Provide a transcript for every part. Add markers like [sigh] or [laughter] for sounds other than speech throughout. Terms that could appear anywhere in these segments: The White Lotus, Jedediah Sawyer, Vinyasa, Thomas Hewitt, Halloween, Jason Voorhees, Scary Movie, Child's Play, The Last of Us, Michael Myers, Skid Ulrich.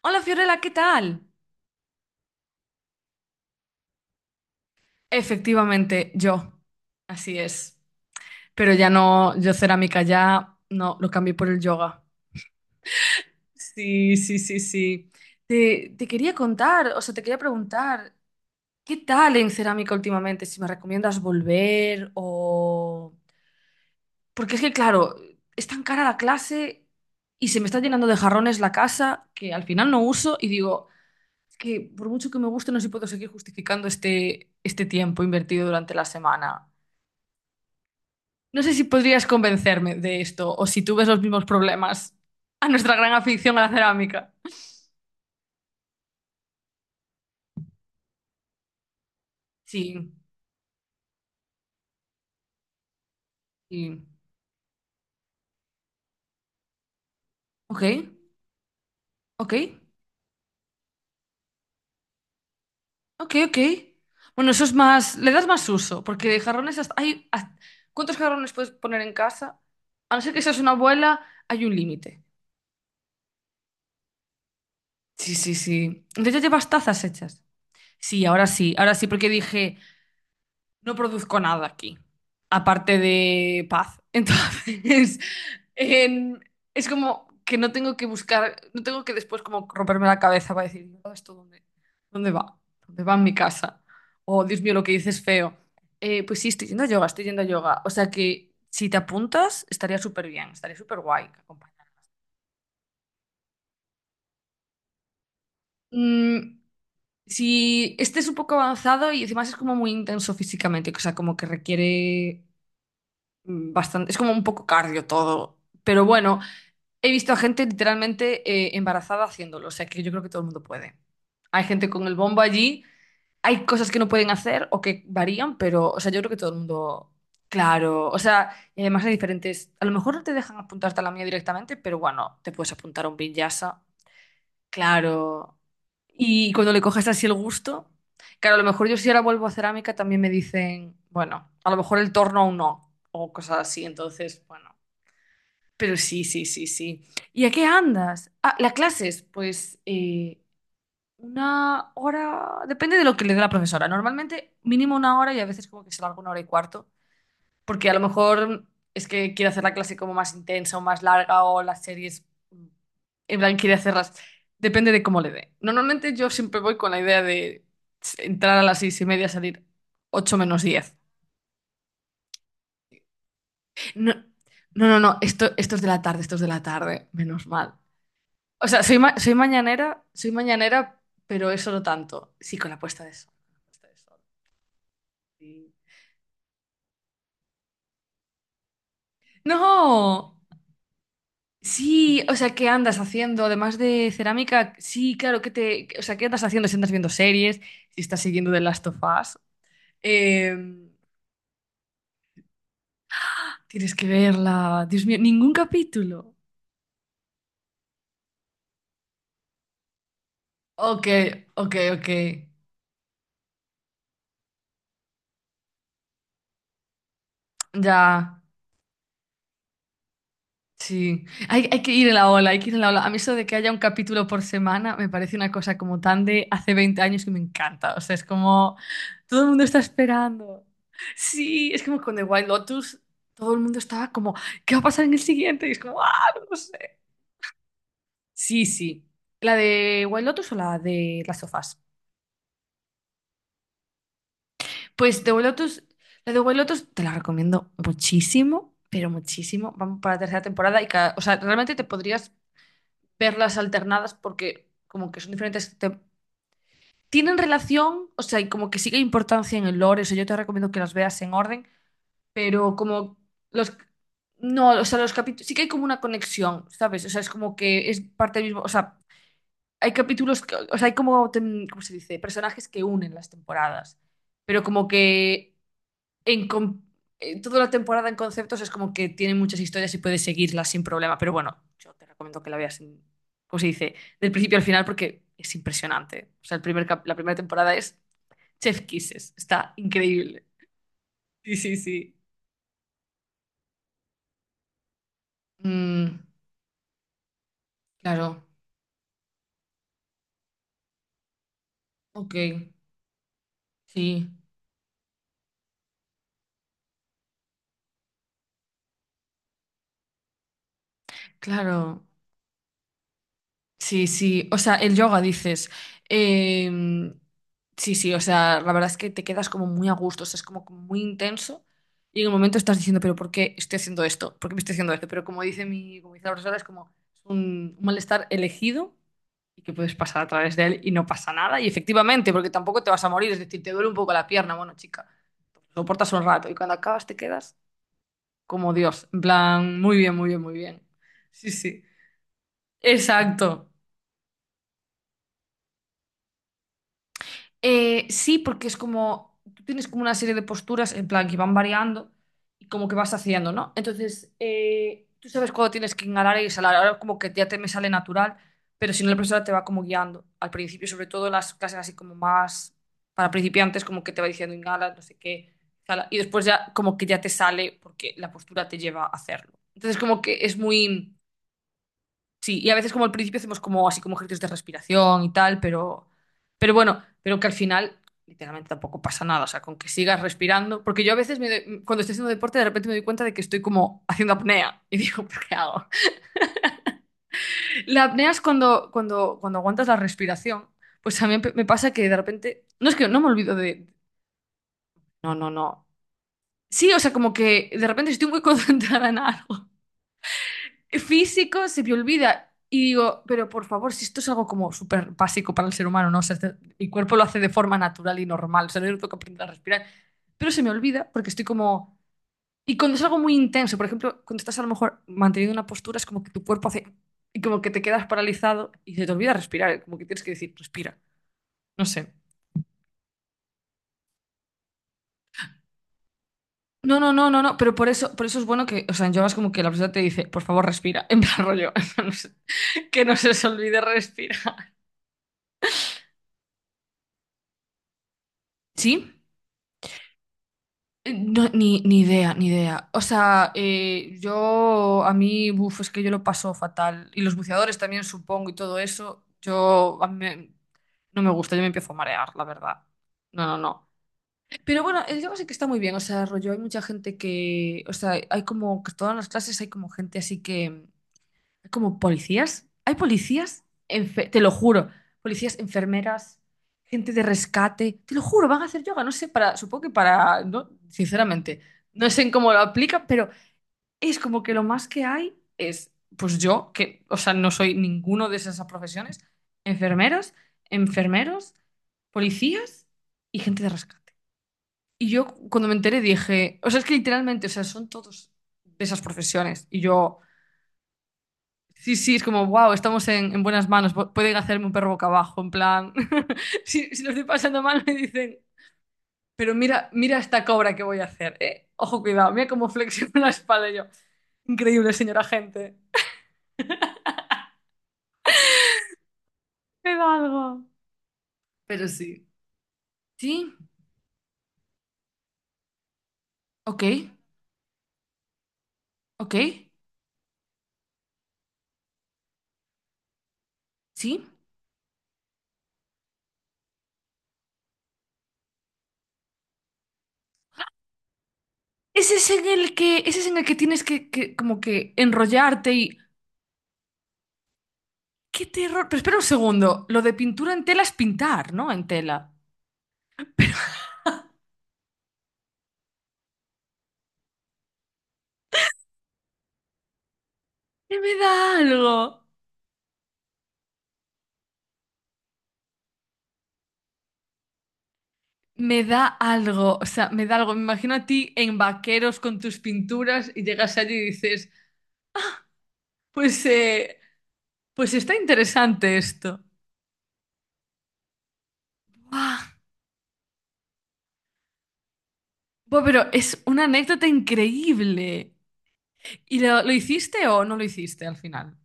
Hola Fiorella, ¿qué tal? Efectivamente, yo. Así es. Pero ya no, yo cerámica ya no, lo cambié por el yoga. Sí, sí, sí, sí. Te quería contar, o sea, te quería preguntar, ¿qué tal en cerámica últimamente? Si me recomiendas volver o... Porque es que, claro, es tan cara la clase y se me está llenando de jarrones la casa que al final no uso y digo, es que por mucho que me guste, no sé si puedo seguir justificando este tiempo invertido durante la semana. No sé si podrías convencerme de esto o si tú ves los mismos problemas a nuestra gran afición a la cerámica. Sí, sí. Ok, ok, ok, ok. Bueno, eso es más, le das más uso, porque de jarrones ¿cuántos jarrones puedes poner en casa? A no ser que seas una abuela, hay un límite. Sí, sí, sí. Entonces ya llevas tazas hechas. Sí, ahora sí, ahora sí, porque dije, no produzco nada aquí, aparte de paz. Entonces, [laughs] en- es como que no tengo que buscar, no tengo que después como romperme la cabeza para decir, "¿todo esto dónde, dónde va? ¿Dónde va en mi casa?" Oh, Dios mío, lo que dices es feo. Pues sí, estoy yendo a yoga, estoy yendo a yoga. O sea que si te apuntas, estaría súper bien, estaría súper guay acompañar. Mm, si este es un poco avanzado y además es como muy intenso físicamente, o sea, como que requiere bastante, es como un poco cardio todo. Pero bueno, he visto a gente literalmente embarazada haciéndolo, o sea que yo creo que todo el mundo puede. Hay gente con el bombo allí, hay cosas que no pueden hacer o que varían, pero, o sea, yo creo que todo el mundo, claro, o sea, y además hay diferentes, a lo mejor no te dejan apuntarte a la mía directamente, pero bueno, te puedes apuntar a un Vinyasa. Claro. Y cuando le coges así el gusto, claro, a lo mejor yo si ahora vuelvo a cerámica también me dicen, bueno, a lo mejor el torno aún no, o cosas así, entonces, bueno. Pero sí, sí, sí, sí. ¿Y a qué andas? Ah, las clases, pues una hora, depende de lo que le dé la profesora. Normalmente mínimo una hora y a veces como que se larga una hora y cuarto, porque a lo mejor es que quiere hacer la clase como más intensa o más larga o las series, mm, en plan, quiere hacerlas. Depende de cómo le dé. Normalmente yo siempre voy con la idea de entrar a las seis y media, salir ocho menos diez. No, no, no, no, esto es de la tarde, esto es de la tarde, menos mal. O sea, soy, soy mañanera, pero eso no tanto. Sí, con la puesta de sol, con la puesta de sol, sí. No, sí, o sea, ¿qué andas haciendo? Además de cerámica, sí, claro, ¿qué te, o sea, ¿qué andas haciendo? Si andas viendo series, si estás siguiendo The Last of Us? Eh, Tienes que verla. Dios mío, ningún capítulo. Ok, ok, ok. Ya, sí. Hay que ir en la ola, hay que ir en la ola. A mí eso de que haya un capítulo por semana me parece una cosa como tan de hace 20 años que me encanta. O sea, es como todo el mundo está esperando. Sí, es como con The Wild Lotus, todo el mundo estaba como, ¿qué va a pasar en el siguiente? Y es como, ah, no lo sé. Sí, sí. ¿La de Wild Lotus o la de las sofás? Pues de Lotus, la de White Lotus te la recomiendo muchísimo, pero muchísimo. Vamos para la tercera temporada y cada, o sea, realmente te podrías verlas alternadas porque como que son diferentes, tienen relación, o sea, y como que sigue importancia en el lore, o sea, yo te recomiendo que las veas en orden, pero como los no, o sea, los capítulos sí que hay como una conexión, ¿sabes? O sea, es como que es parte del mismo, o sea, hay capítulos, o sea, hay como, ¿cómo se dice? Personajes que unen las temporadas, pero como que en con- toda la temporada en conceptos es como que tiene muchas historias y puedes seguirlas sin problema. Pero bueno, yo te recomiendo que la veas, ¿cómo se dice? Del principio al final porque es impresionante. O sea, el la primera temporada es Chef Kisses. Está increíble. Sí, sí, sí. Mm, claro. Ok. Sí. Claro. Sí, sí, o sea, el yoga dices. Em, sí, sí, o sea, la verdad es que te quedas como muy a gusto, o sea, es como muy intenso y en el momento estás diciendo, pero ¿por qué estoy haciendo esto? ¿Por qué me estoy haciendo esto? Pero como dice mi, como dice la profesora, es como es un malestar elegido y que puedes pasar a través de él y no pasa nada. Y efectivamente, porque tampoco te vas a morir, es decir, te duele un poco la pierna, bueno, chica, lo soportas un rato y cuando acabas te quedas como Dios, en plan, muy bien, muy bien, muy bien. Sí, sí, exacto. Sí, porque es como, tú tienes como una serie de posturas en plan que van variando y como que vas haciendo, ¿no? Entonces, tú sabes cuándo tienes que inhalar y exhalar. Ahora como que ya te me sale natural, pero si no, la profesora te va como guiando. Al principio, sobre todo en las clases así como más para principiantes, como que te va diciendo inhala, no sé qué, exhala, y después ya como que ya te sale porque la postura te lleva a hacerlo. Entonces, como que es muy... Sí, y a veces como al principio hacemos como así como ejercicios de respiración y tal, pero bueno, pero que al final literalmente tampoco pasa nada, o sea, con que sigas respirando, porque yo a veces cuando estoy haciendo deporte de repente me doy cuenta de que estoy como haciendo apnea y digo, [laughs] ¿pero qué hago? La apnea es cuando, cuando aguantas la respiración, pues a mí me pasa que de repente, no es que no me olvido de, no, no, no. Sí, o sea, como que de repente si estoy muy [laughs] concentrada en algo físico se me olvida. Y digo, pero por favor, si esto es algo como súper básico para el ser humano, ¿no? O sea, el cuerpo lo hace de forma natural y normal, o sea, no tengo que aprender a respirar. Pero se me olvida porque estoy como... Y cuando es algo muy intenso, por ejemplo, cuando estás a lo mejor manteniendo una postura, es como que tu cuerpo hace... Y como que te quedas paralizado y se te olvida respirar, ¿eh? Como que tienes que decir, respira. No sé. No, no, no, no, no, pero por eso es bueno que, o sea, en yoga es como que la persona te dice, por favor, respira, [laughs] en plan rollo, [laughs] no sé, que no se os olvide respirar. ¿Sí? No, ni idea, ni idea. O sea, yo a mí, buf, es que yo lo paso fatal. Y los buceadores también, supongo, y todo eso. Yo, no me gusta, yo me empiezo a marear, la verdad. No, no, no. Pero bueno, el yoga sí que está muy bien. O sea, rollo, hay mucha gente que, o sea, hay como que todas las clases hay como gente así como policías. Hay policías, te lo juro. Policías, enfermeras, gente de rescate. Te lo juro, van a hacer yoga. No sé, para, supongo que para, no, sinceramente, no sé en cómo lo aplica, pero es como que lo más que hay es, pues yo, que, o sea, no soy ninguno de esas profesiones, enfermeras, enfermeros, policías y gente de rescate. Y yo cuando me enteré dije, o sea, es que literalmente, o sea, son todos de esas profesiones. Y yo... Sí, sí, es como, wow, estamos en buenas manos, pueden hacerme un perro boca abajo, en plan, [laughs] si, si lo estoy pasando mal me dicen, pero mira, mira esta cobra que voy a hacer, ¿eh? Ojo, cuidado, mira cómo flexiono la espalda y yo. Increíble, señora gente. Me da algo. Pero sí. Sí, ok, ok, sí. Ese es en el que, ese es en el que tienes que como que enrollarte y... ¡Qué terror! Pero espera un segundo, lo de pintura en tela es pintar, ¿no? En tela. [laughs] ¿Qué me da algo? Me da algo, o sea, me da algo. Me imagino a ti en vaqueros con tus pinturas y llegas allí y dices, pues, pues está interesante esto. Buah, buah, pero es una anécdota increíble. ¿Y lo hiciste o no lo hiciste al final?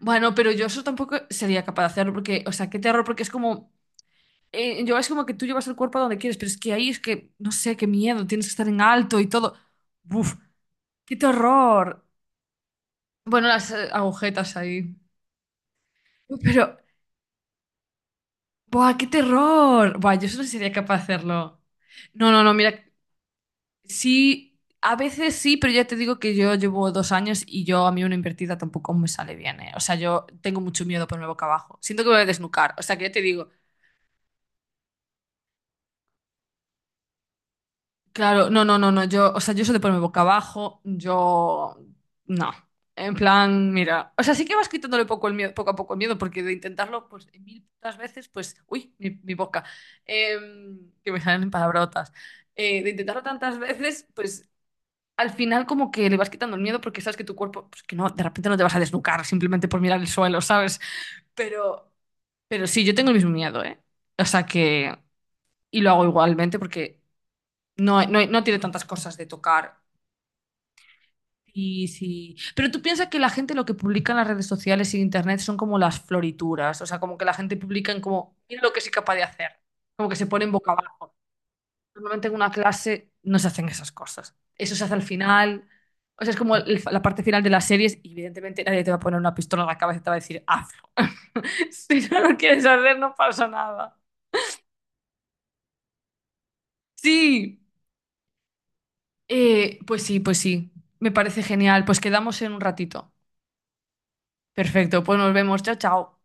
Bueno, pero yo eso tampoco sería capaz de hacerlo porque, o sea, qué terror, porque es como, yo es como que tú llevas el cuerpo a donde quieres, pero es que ahí es que, no sé, qué miedo, tienes que estar en alto y todo. Uf, qué terror. Bueno, las agujetas ahí. Pero ¡buah, qué terror! Buah, yo solo sería capaz de hacerlo. No, no, no, mira, sí, a veces sí, pero ya te digo que yo llevo 2 años y yo a mí una invertida tampoco me sale bien, ¿eh? O sea, yo tengo mucho miedo ponerme boca abajo. Siento que me voy a desnucar. O sea, que ya te digo, claro, no, no, no, no, yo, o sea, yo soy de ponerme boca abajo, yo, no, en plan, mira, o sea, sí que vas quitándole poco el miedo, poco a poco el miedo, porque de intentarlo, pues, mil putas veces, pues, uy, mi boca, que me salen palabrotas, de intentarlo tantas veces, pues, al final como que le vas quitando el miedo porque sabes que tu cuerpo, pues, que no, de repente no te vas a desnucar simplemente por mirar el suelo, ¿sabes? Pero, pero sí, yo tengo el mismo miedo, ¿eh? O sea que, y lo hago igualmente porque no, no, no tiene tantas cosas de tocar. Sí, sí. Pero tú piensas que la gente lo que publica en las redes sociales y en internet son como las florituras, o sea, como que la gente publica en como, mira lo que soy capaz de hacer, como que se ponen boca abajo. Normalmente en una clase no se hacen esas cosas. Eso se hace al final, o sea, es como la parte final de las series y evidentemente nadie te va a poner una pistola en la cabeza y te va a decir, hazlo. [laughs] Si no lo quieres hacer, no pasa nada. Sí, pues sí, pues sí. Me parece genial. Pues quedamos en un ratito. Perfecto, pues nos vemos. Chao, chao.